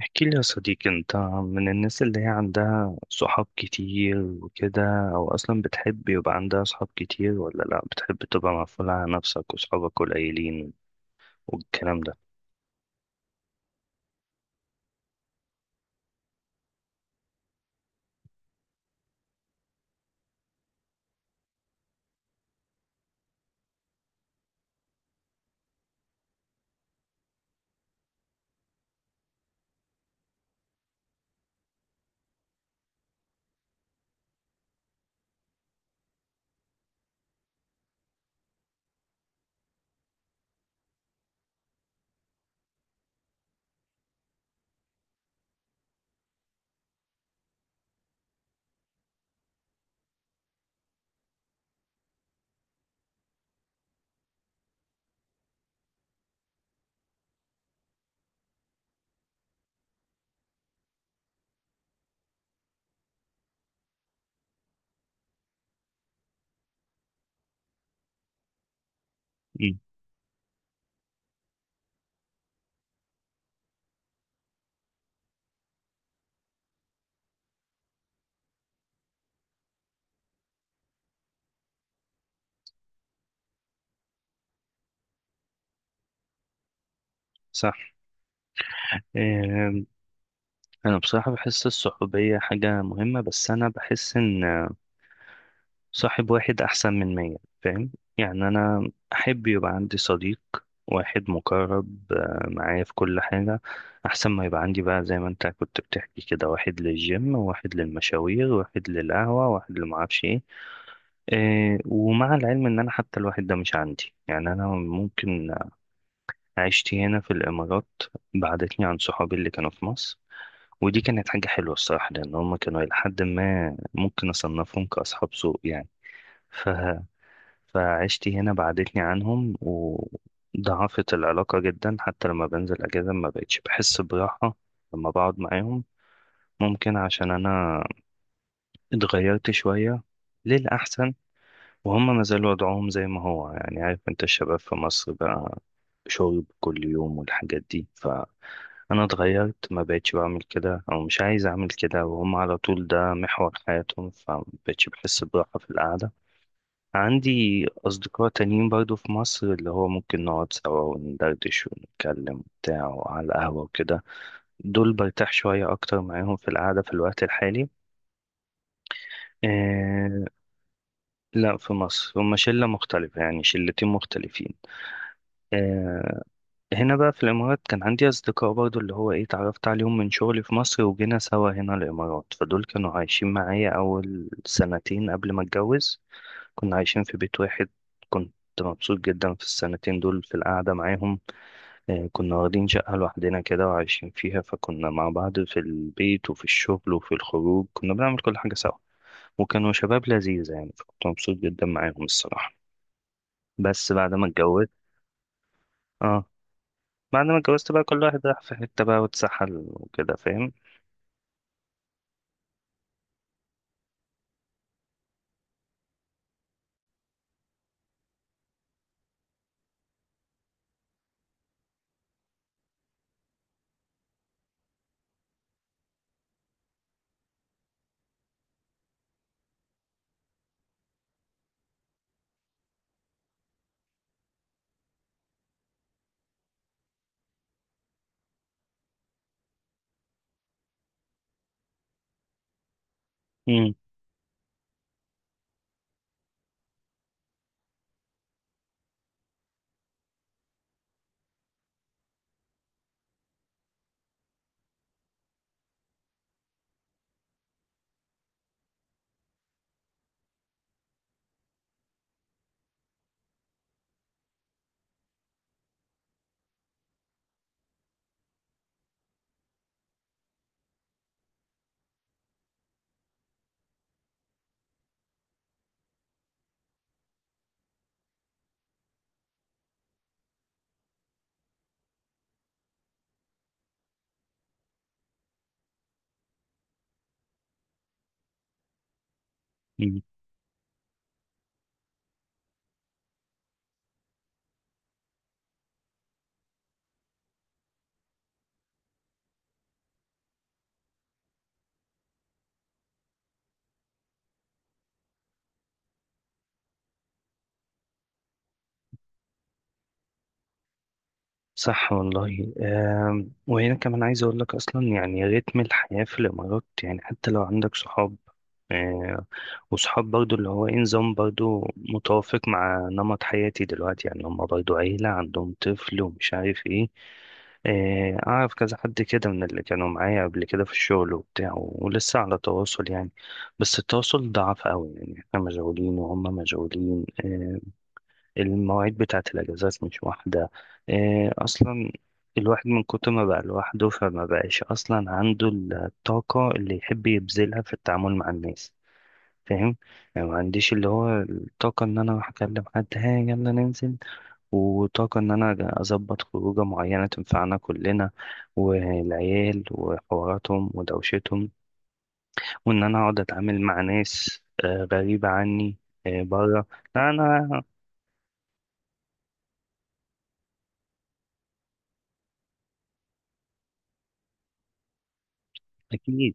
احكي لي يا صديقي، انت من الناس اللي هي عندها صحاب كتير وكده؟ او اصلا بتحب يبقى عندها صحاب كتير ولا لا بتحب تبقى مقفولة على نفسك وصحابك قليلين والكلام ده؟ مم. صح. إيه، انا بصراحة بحس الصحوبية حاجة مهمة، بس انا بحس ان صاحب واحد أحسن من مية. فاهم؟ يعني أنا أحب يبقى عندي صديق واحد مقرب معايا في كل حاجة، أحسن ما يبقى عندي بقى زي ما أنت كنت بتحكي كده، واحد للجيم وواحد للمشاوير واحد للقهوة واحد اللي معرفش إيه. ومع العلم إن أنا حتى الواحد ده مش عندي. يعني أنا ممكن عشتي هنا في الإمارات بعدتني عن صحابي اللي كانوا في مصر، ودي كانت حاجة حلوة الصراحة، لأن هما كانوا إلى حد ما ممكن أصنفهم كأصحاب سوء يعني. فعشتي هنا بعدتني عنهم وضعفت العلاقة جدا، حتى لما بنزل أجازة ما بقتش بحس براحة لما بقعد معاهم. ممكن عشان أنا اتغيرت شوية للأحسن وهم ما زالوا وضعهم زي ما هو. يعني عارف أنت الشباب في مصر بقى، شرب كل يوم والحاجات دي، فأنا اتغيرت ما بقتش بعمل كده أو مش عايز أعمل كده، وهم على طول ده محور حياتهم، فما بقتش بحس براحة في القعدة. عندي أصدقاء تانيين برضو في مصر اللي هو ممكن نقعد سوا وندردش ونتكلم وبتاع وعلى القهوة وكده. دول برتاح شوية أكتر معاهم في القعدة في الوقت الحالي. آه. لا، في مصر هما شلة مختلفة يعني، شلتين مختلفين. آه. هنا بقى في الإمارات كان عندي أصدقاء برضو اللي هو إيه اتعرفت عليهم من شغلي في مصر وجينا سوا هنا الإمارات، فدول كانوا عايشين معايا أول سنتين قبل ما أتجوز، كنا عايشين في بيت واحد. كنت مبسوط جدا في السنتين دول في القعدة معاهم. كنا واخدين شقة لوحدنا كده وعايشين فيها، فكنا مع بعض في البيت وفي الشغل وفي الخروج، كنا بنعمل كل حاجة سوا، وكانوا شباب لذيذة يعني، فكنت مبسوط جدا معاهم الصراحة. بس بعد ما اتجوزت. اه. بعد ما اتجوزت بقى كل واحد راح في حتة بقى واتسحل وكده. فاهم؟ مم. مم. صح والله. وهنا كمان عايز اقول لك اصلا، يعني رتم الحياة في الامارات، يعني حتى لو عندك صحاب آه، وصحاب برضو اللي هو إيه نظام برضو متوافق مع نمط حياتي دلوقتي، يعني هما برضو عيلة عندهم طفل ومش عارف إيه. أعرف كذا حد كده من اللي كانوا معايا قبل كده في الشغل وبتاع ولسه على تواصل يعني، بس التواصل ضعف أوي يعني، إحنا مشغولين وهم مشغولين. المواعيد بتاعة الأجازات مش واحدة أصلا. الواحد من كتر ما بقى لوحده فما بقاش أصلا عنده الطاقة اللي يحب يبذلها في التعامل مع الناس. فاهم؟ يعني ما عنديش اللي هو الطاقة إن أنا أروح أكلم حد ها يلا ننزل، وطاقة إن أنا أظبط خروجة معينة تنفعنا كلنا، والعيال وحواراتهم ودوشتهم، وإن أنا أقعد أتعامل مع ناس غريبة عني بره. لا أنا. أكيد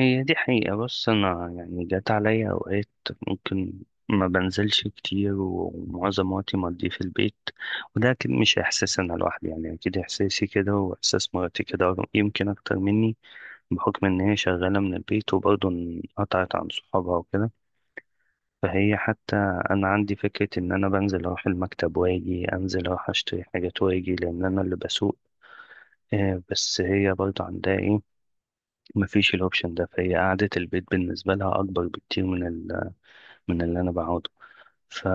هي دي حقيقة. بص أنا يعني جات عليا أوقات ممكن ما بنزلش كتير ومعظم وقتي مقضيه في البيت، وده أكيد مش إحساس أنا لوحدي يعني، أكيد إحساسي كده وإحساس مراتي كده، يمكن أكتر مني بحكم إن هي شغالة من البيت وبرضه انقطعت عن صحابها وكده. فهي حتى أنا عندي فكرة إن أنا بنزل أروح المكتب وأجي، أنزل أروح أشتري حاجات وأجي، لأن أنا اللي بسوق. بس هي برضه عندها إيه، مفيش الاوبشن ده، فهي قعدة البيت بالنسبة لها أكبر بكتير من اللي أنا بقعده. ف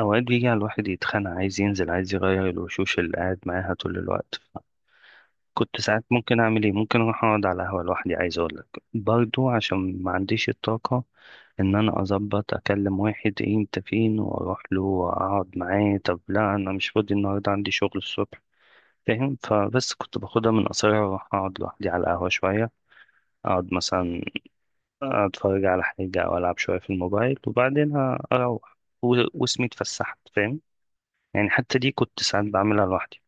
أوقات بيجي على الواحد يتخانق عايز ينزل عايز يغير الوشوش اللي قاعد معاها طول الوقت. كنت ساعات ممكن أعمل إيه، ممكن أروح أقعد على قهوة لوحدي عايز أقولك، برضو عشان ما عنديش الطاقة إن أنا أظبط أكلم واحد إيه أنت فين وأروح له وأقعد معاه. طب لا أنا مش فاضي النهاردة عندي شغل الصبح. فاهم؟ فبس كنت باخدها من قصرها وأروح أقعد لوحدي على القهوة شوية، أقعد مثلا اتفرج على حاجة او العب شوية في الموبايل، وبعدين اروح واسمي اتفسحت. فاهم؟ يعني حتى دي كنت ساعات بعملها لوحدي.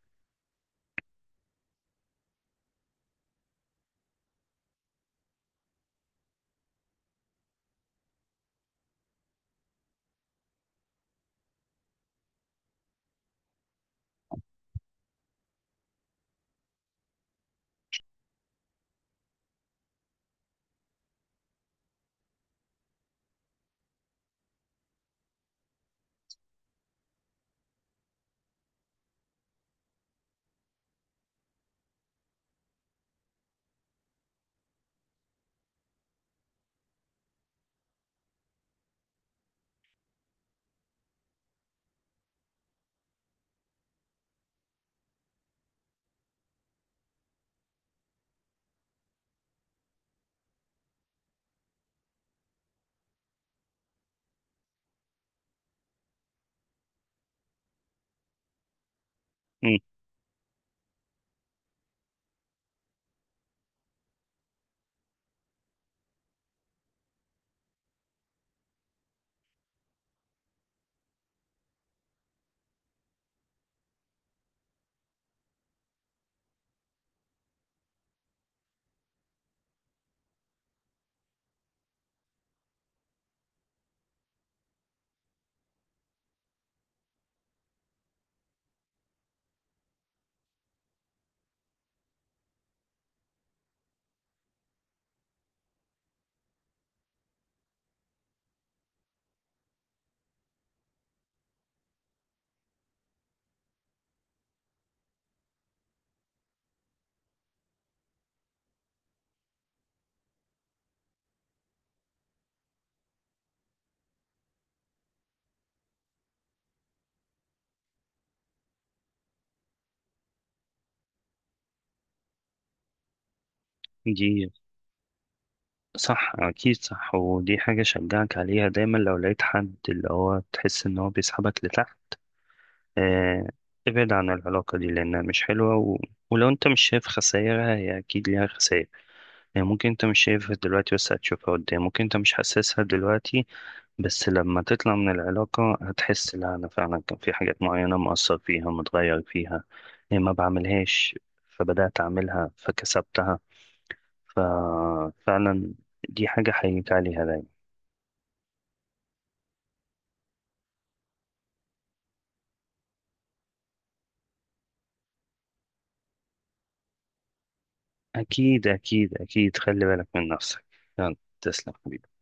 مم. دي صح. اكيد صح. ودي حاجة شجعك عليها دايما، لو لقيت حد اللي هو تحس ان هو بيسحبك لتحت، آه، ابعد عن العلاقة دي لانها مش حلوة ولو انت مش شايف خسائرها هي اكيد ليها خسائر. يعني ممكن انت مش شايفها دلوقتي بس هتشوفها قدام، ممكن انت مش حاسسها دلوقتي بس لما تطلع من العلاقة هتحس، لا انا فعلا كان في حاجات معينة مؤثر فيها متغير فيها، إيه ما بعملهاش فبدأت اعملها فكسبتها. ففعلا دي حاجة حقيقية عليها دايما. اكيد اكيد اكيد. خلي بالك من نفسك. يلا. تسلم حبيبي.